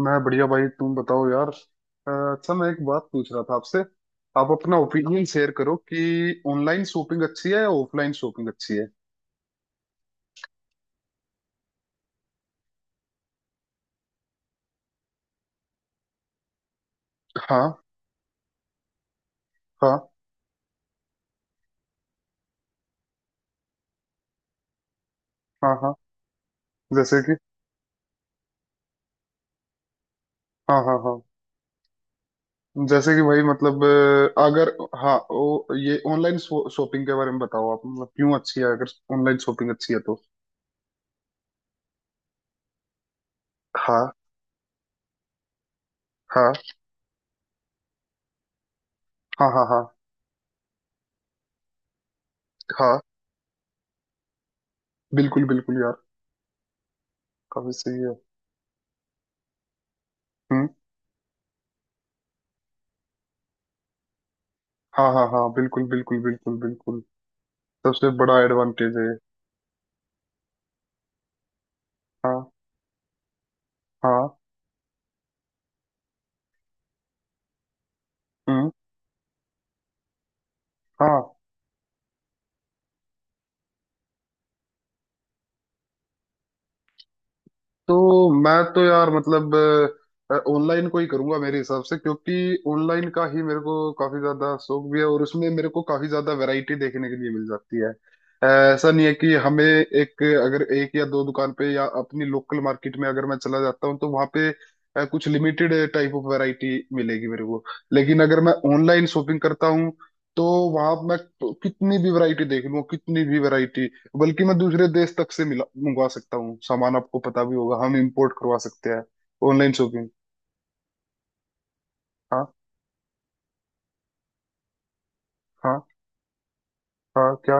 मैं बढ़िया भाई तुम बताओ यार। अ, अच्छा मैं एक बात पूछ रहा था आपसे। आप अपना ओपिनियन शेयर करो कि ऑनलाइन शॉपिंग अच्छी है या ऑफलाइन शॉपिंग अच्छी है। हाँ हाँ हाँ हाँ जैसे कि, हाँ हाँ हाँ। जैसे कि भाई मतलब अगर, हाँ ओ, ये ऑनलाइन शॉपिंग के बारे में बताओ आप, मतलब क्यों अच्छी है? अगर ऑनलाइन शॉपिंग अच्छी है तो। हाँ हाँ हाँ हाँ हाँ हाँ, बिल्कुल बिल्कुल यार। काफी सही है। हम्म। हाँ हाँ हाँ, बिल्कुल बिल्कुल बिल्कुल बिल्कुल। सबसे बड़ा एडवांटेज है ये। हाँ हाँ। हम्म। हाँ तो, मैं तो यार मतलब ऑनलाइन को ही करूंगा मेरे हिसाब से, क्योंकि ऑनलाइन का ही मेरे को काफी ज्यादा शौक भी है और उसमें मेरे को काफी ज्यादा वैरायटी देखने के लिए मिल जाती है। अ, ऐसा नहीं है कि हमें एक, अगर एक या दो दुकान पे या अपनी लोकल मार्केट में अगर मैं चला जाता हूँ तो वहाँ पे कुछ लिमिटेड टाइप ऑफ वैरायटी मिलेगी मेरे को। लेकिन अगर मैं ऑनलाइन शॉपिंग करता हूँ तो वहां मैं कितनी भी वैरायटी देख लूँ, कितनी भी वैरायटी, बल्कि मैं दूसरे देश तक से मिला मंगवा सकता हूँ सामान, आपको पता भी होगा हम इंपोर्ट करवा सकते हैं ऑनलाइन शॉपिंग। हाँ हाँ, हाँ क्या?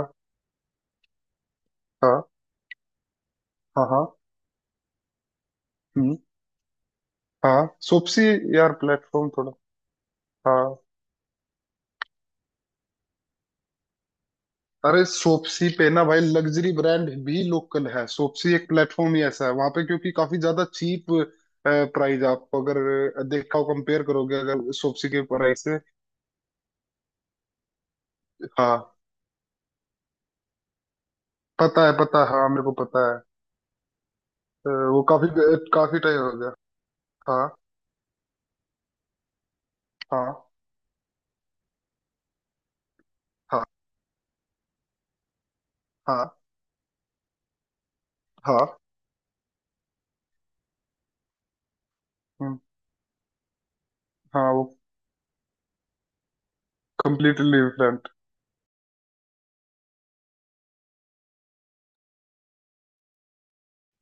हाँ हाँ हाँ। हम्म। हाँ सोप्सी, यार प्लेटफॉर्म थोड़ा, हाँ अरे सोप्सी पे ना भाई, लग्जरी ब्रांड भी लोकल है। सोप्सी एक प्लेटफॉर्म ही ऐसा है वहां पे क्योंकि काफी ज्यादा चीप प्राइस आपको अगर देखा हो, कंपेयर करोगे अगर सोप्सी के प्राइस से। हाँ पता है पता है, हाँ मेरे को पता है। वो काफी काफी टाइम हो गया। हाँ हाँ हाँ हाँ हाँ। हम्म, हाँ वो कम्प्लीटली डिफरेंट।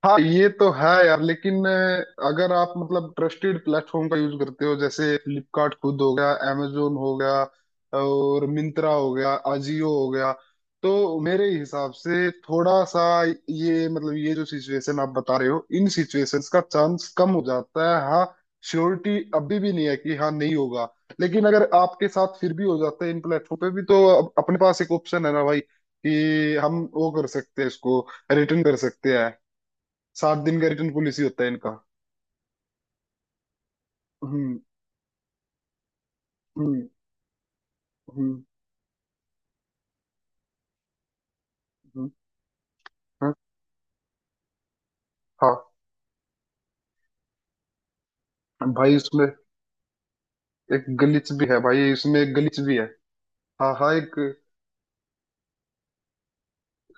हाँ ये तो है यार, लेकिन अगर आप मतलब ट्रस्टेड प्लेटफॉर्म का यूज करते हो, जैसे फ्लिपकार्ट खुद हो गया, amazon हो गया, और मिंत्रा हो गया, अजियो हो गया, तो मेरे हिसाब से थोड़ा सा ये मतलब ये जो सिचुएशन आप बता रहे हो, इन सिचुएशंस का चांस कम हो जाता है। हाँ, श्योरिटी अभी भी नहीं है कि हाँ नहीं होगा, लेकिन अगर आपके साथ फिर भी हो जाता है इन प्लेटफॉर्म पे भी, तो अपने पास एक ऑप्शन है ना भाई, कि हम वो कर सकते हैं इसको, रिटर्न कर सकते हैं। 7 दिन का रिटर्न पॉलिसी होता है इनका। हम्म हम्म हम्म हम्म, हाँ हाँ। भाई उसमें एक गलीच भी है, भाई इसमें एक गलीच भी है। हाँ हाँ एक,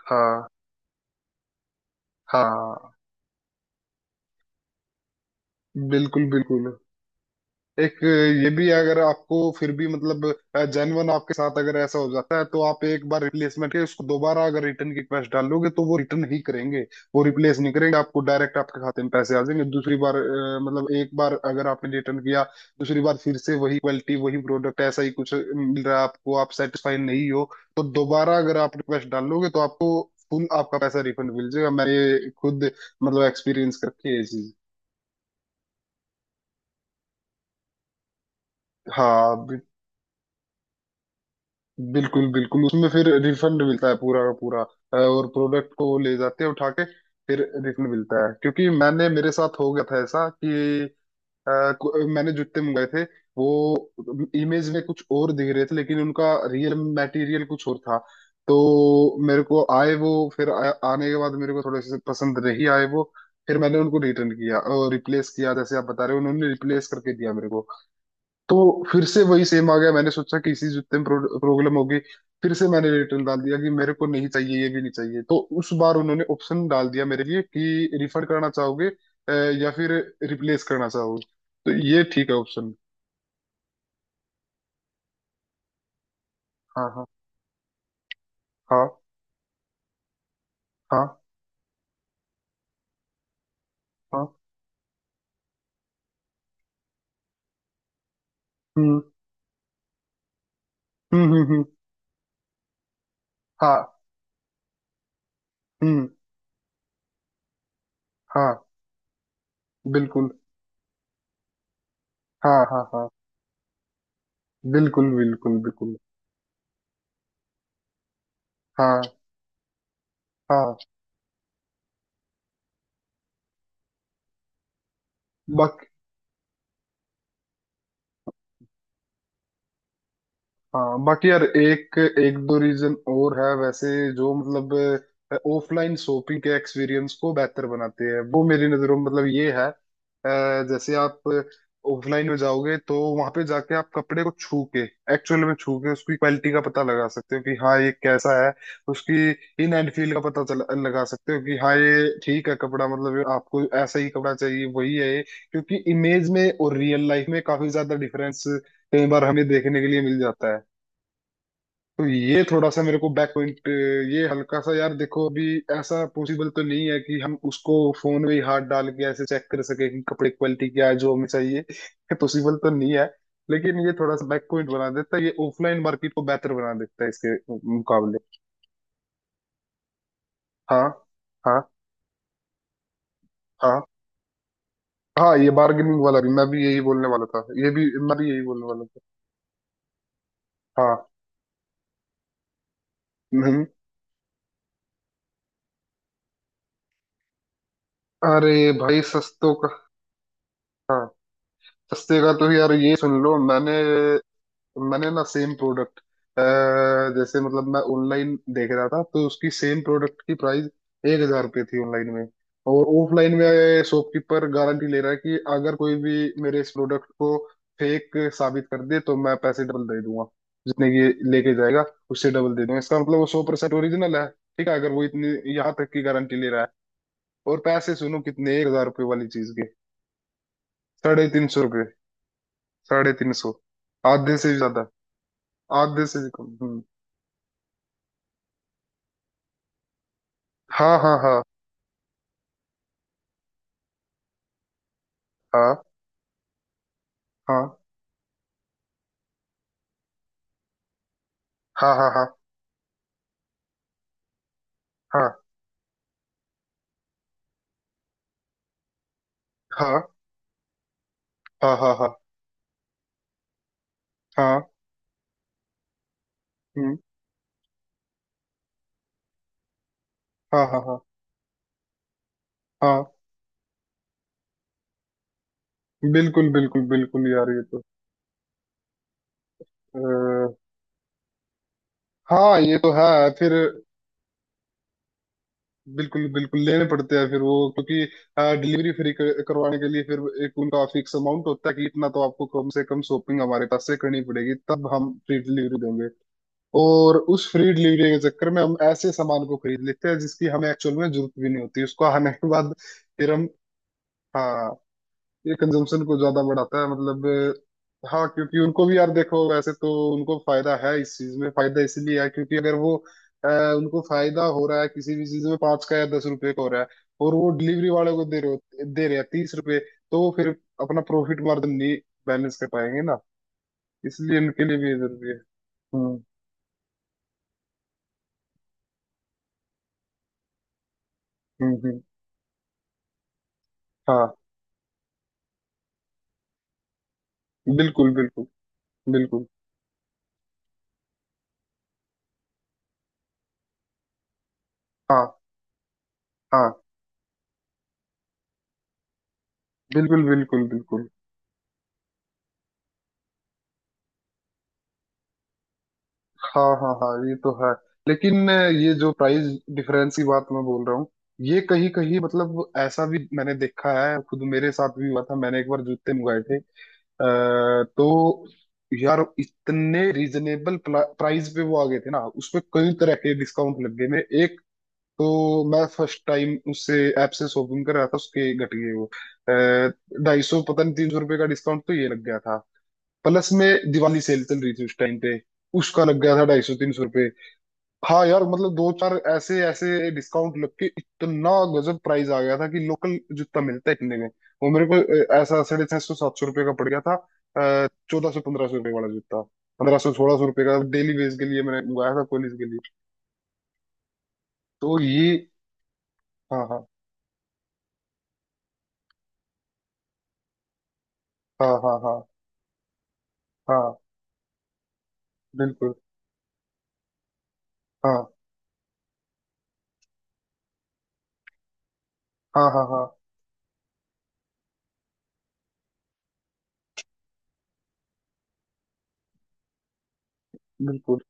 हाँ हाँ, बिल्कुल बिल्कुल। एक ये भी है, अगर आपको फिर भी मतलब जेन्युइन आपके साथ अगर ऐसा हो जाता है, तो आप एक बार रिप्लेसमेंट के उसको दोबारा अगर रिटर्न की रिक्वेस्ट डालोगे तो वो रिटर्न ही करेंगे, वो रिप्लेस नहीं करेंगे। आपको डायरेक्ट आपके खाते में पैसे आ जाएंगे दूसरी बार। मतलब एक बार अगर आपने रिटर्न किया, दूसरी बार फिर से वही क्वालिटी वही प्रोडक्ट ऐसा ही कुछ मिल रहा है आपको, आप सेटिस्फाई नहीं हो, तो दोबारा अगर आप रिक्वेस्ट डालोगे तो आपको फुल आपका पैसा रिफंड मिल जाएगा। मैंने खुद मतलब एक्सपीरियंस करके ये चीज। हाँ बिल्कुल बिल्कुल, उसमें फिर रिफंड मिलता है पूरा का पूरा। और प्रोडक्ट को वो ले जाते हैं उठा के, फिर रिफंड मिलता है। क्योंकि मैंने, मेरे साथ हो गया था ऐसा कि अ, मैंने जूते मंगाए थे, वो इमेज में कुछ और दिख रहे थे लेकिन उनका रियल मटेरियल कुछ और था। तो मेरे को आए वो, फिर आने के बाद मेरे को थोड़े से पसंद नहीं आए वो। फिर मैंने उनको रिटर्न किया और रिप्लेस किया, जैसे आप बता रहे हो उन्होंने रिप्लेस करके दिया मेरे को। तो फिर से वही सेम आ गया, मैंने सोचा कि इसी जूते में प्रॉब्लम होगी। फिर से मैंने रिटर्न डाल दिया कि मेरे को नहीं चाहिए, ये भी नहीं चाहिए। तो उस बार उन्होंने ऑप्शन डाल दिया मेरे लिए कि रिफंड करना चाहोगे या फिर रिप्लेस करना चाहोगे। तो ये ठीक है ऑप्शन। हाँ हाँ हाँ हाँ हाँ। हम्म हम्म हम्म हम्म, हाँ। हम्म। हाँ बिल्कुल। हाँ हाँ हाँ, बिल्कुल बिल्कुल बिल्कुल। हाँ हाँ हाँ बाकी यार, एक एक दो रीजन और है वैसे, जो मतलब ऑफलाइन शॉपिंग के एक्सपीरियंस को बेहतर बनाते हैं। वो मेरी नजरों में मतलब ये है, जैसे आप ऑफलाइन में जाओगे तो वहां पे जाके आप कपड़े को छू के, एक्चुअल में छू के उसकी क्वालिटी का पता लगा सकते हो कि हाँ ये कैसा है, उसकी इन एंड फील का पता चला लगा सकते हो कि हाँ ये ठीक है कपड़ा, मतलब आपको ऐसा ही कपड़ा चाहिए वही है ये। क्योंकि इमेज में और रियल लाइफ में काफी ज्यादा डिफरेंस कई बार हमें देखने के लिए मिल जाता है। तो ये थोड़ा सा मेरे को बैक पॉइंट, ये हल्का सा यार देखो अभी, ऐसा पॉसिबल तो नहीं है कि हम उसको फोन में ही हाथ डाल के ऐसे चेक कर सके कि कपड़े की क्वालिटी क्या है जो हमें चाहिए ये पॉसिबल तो नहीं है। लेकिन ये थोड़ा सा बैक पॉइंट बना देता है, ये ऑफलाइन मार्केट को बेहतर बना देता है इसके मुकाबले। हाँ हाँ हाँ, हाँ ये बार्गेनिंग वाला भी मैं भी यही बोलने वाला था, ये भी मैं भी यही बोलने वाला था। हाँ, नहीं अरे भाई, सस्तों का। हाँ सस्ते का तो यार ये सुन लो, मैंने मैंने ना सेम प्रोडक्ट, जैसे मतलब मैं ऑनलाइन देख रहा था तो उसकी सेम प्रोडक्ट की प्राइस 1,000 रुपये थी ऑनलाइन में। और ऑफलाइन में शॉपकीपर गारंटी ले रहा है कि अगर कोई भी मेरे इस प्रोडक्ट को फेक साबित कर दे तो मैं पैसे डबल दे दूंगा, जितने की ये लेके जाएगा उससे डबल दे दूंगा। इसका मतलब वो 100% ओरिजिनल है, ठीक है अगर वो इतनी यहाँ तक की गारंटी ले रहा है। और पैसे सुनो कितने, 1,000 रुपये वाली चीज के 350 रुपये, 350, आधे से भी ज्यादा, आधे से भी कम। हम्म। हाँ हाँ हाँ हाँ हाँ हाँ हाँ हाँ हाँ हाँ हाँ हाँ हाँ हाँ। हम्म, हाँ हाँ हाँ हाँ, बिल्कुल बिल्कुल बिल्कुल यार ये तो, अ, हाँ ये तो है। फिर बिल्कुल बिल्कुल, लेने पड़ते हैं फिर वो। क्योंकि डिलीवरी फ्री करवाने के लिए फिर एक उनका फिक्स अमाउंट होता है कि इतना तो आपको कम से कम शॉपिंग हमारे पास से करनी पड़ेगी तब हम फ्री डिलीवरी देंगे। और उस फ्री डिलीवरी के चक्कर में हम ऐसे सामान को खरीद लेते हैं जिसकी हमें एक्चुअल में जरूरत भी नहीं होती उसको आने के बाद। फिर हम, हाँ ये कंजम्पशन को ज्यादा बढ़ाता है मतलब। हाँ क्योंकि उनको भी यार देखो, वैसे तो उनको फायदा है इस चीज में। फायदा इसलिए है क्योंकि अगर वो अ, उनको फायदा हो रहा है किसी भी चीज में पाँच का या 10 रुपए का हो रहा है, और वो डिलीवरी वाले को दे रहे हो, दे रहे हैं 30 रुपए, तो वो फिर अपना प्रॉफिट मार्जिन नहीं बैलेंस कर पाएंगे ना। इसलिए उनके लिए भी ये जरूरी है। हम्म हम्म। हाँ बिल्कुल बिल्कुल बिल्कुल, हाँ हाँ, बिल्कुल बिल्कुल बिल्कुल। हाँ हाँ हाँ ये तो है। लेकिन ये जो प्राइस डिफरेंस की बात मैं बोल रहा हूँ, ये कहीं कहीं मतलब ऐसा भी मैंने देखा है, खुद मेरे साथ भी हुआ था। मैंने एक बार जूते मंगाए थे, तो यार इतने रीजनेबल प्राइस पे वो आ गए थे ना, उसपे कई तरह के डिस्काउंट लग गए। मैं एक, तो मैं फर्स्ट टाइम उससे ऐप से शॉपिंग कर रहा था, उसके घट गए वो 250 पता नहीं 300 रुपये का डिस्काउंट तो ये लग गया था। प्लस में दिवाली सेल चल रही थी उस टाइम पे, उसका लग गया था 250-300। हाँ यार मतलब दो चार ऐसे ऐसे डिस्काउंट लग के इतना गजब प्राइस आ गया था कि लोकल जितना मिलता है इतने में वो मेरे को ऐसा 650-700 रुपये का पड़ गया था, 1,400-1,500 रुपये वाला जूता। 1,500-1,600 रुपये का डेली वेज के लिए मैंने मंगाया था, कॉलेज के लिए। तो ये, हाँ हाँ हाँ हाँ हाँ हाँ बिल्कुल, हाँ हाँ हाँ हाँ बिल्कुल।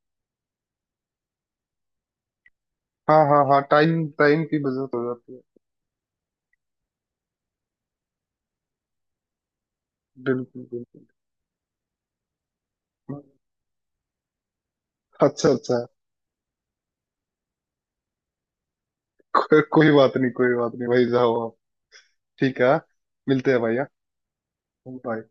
हाँ हाँ हाँ, टाइम टाइम की बचत हो जाती है। बिल्कुल बिल्कुल। अच्छा अच्छा, को, कोई बात नहीं भाई, जाओ आप। ठीक है हाँ? मिलते हैं भाई, हाँ? हुट है।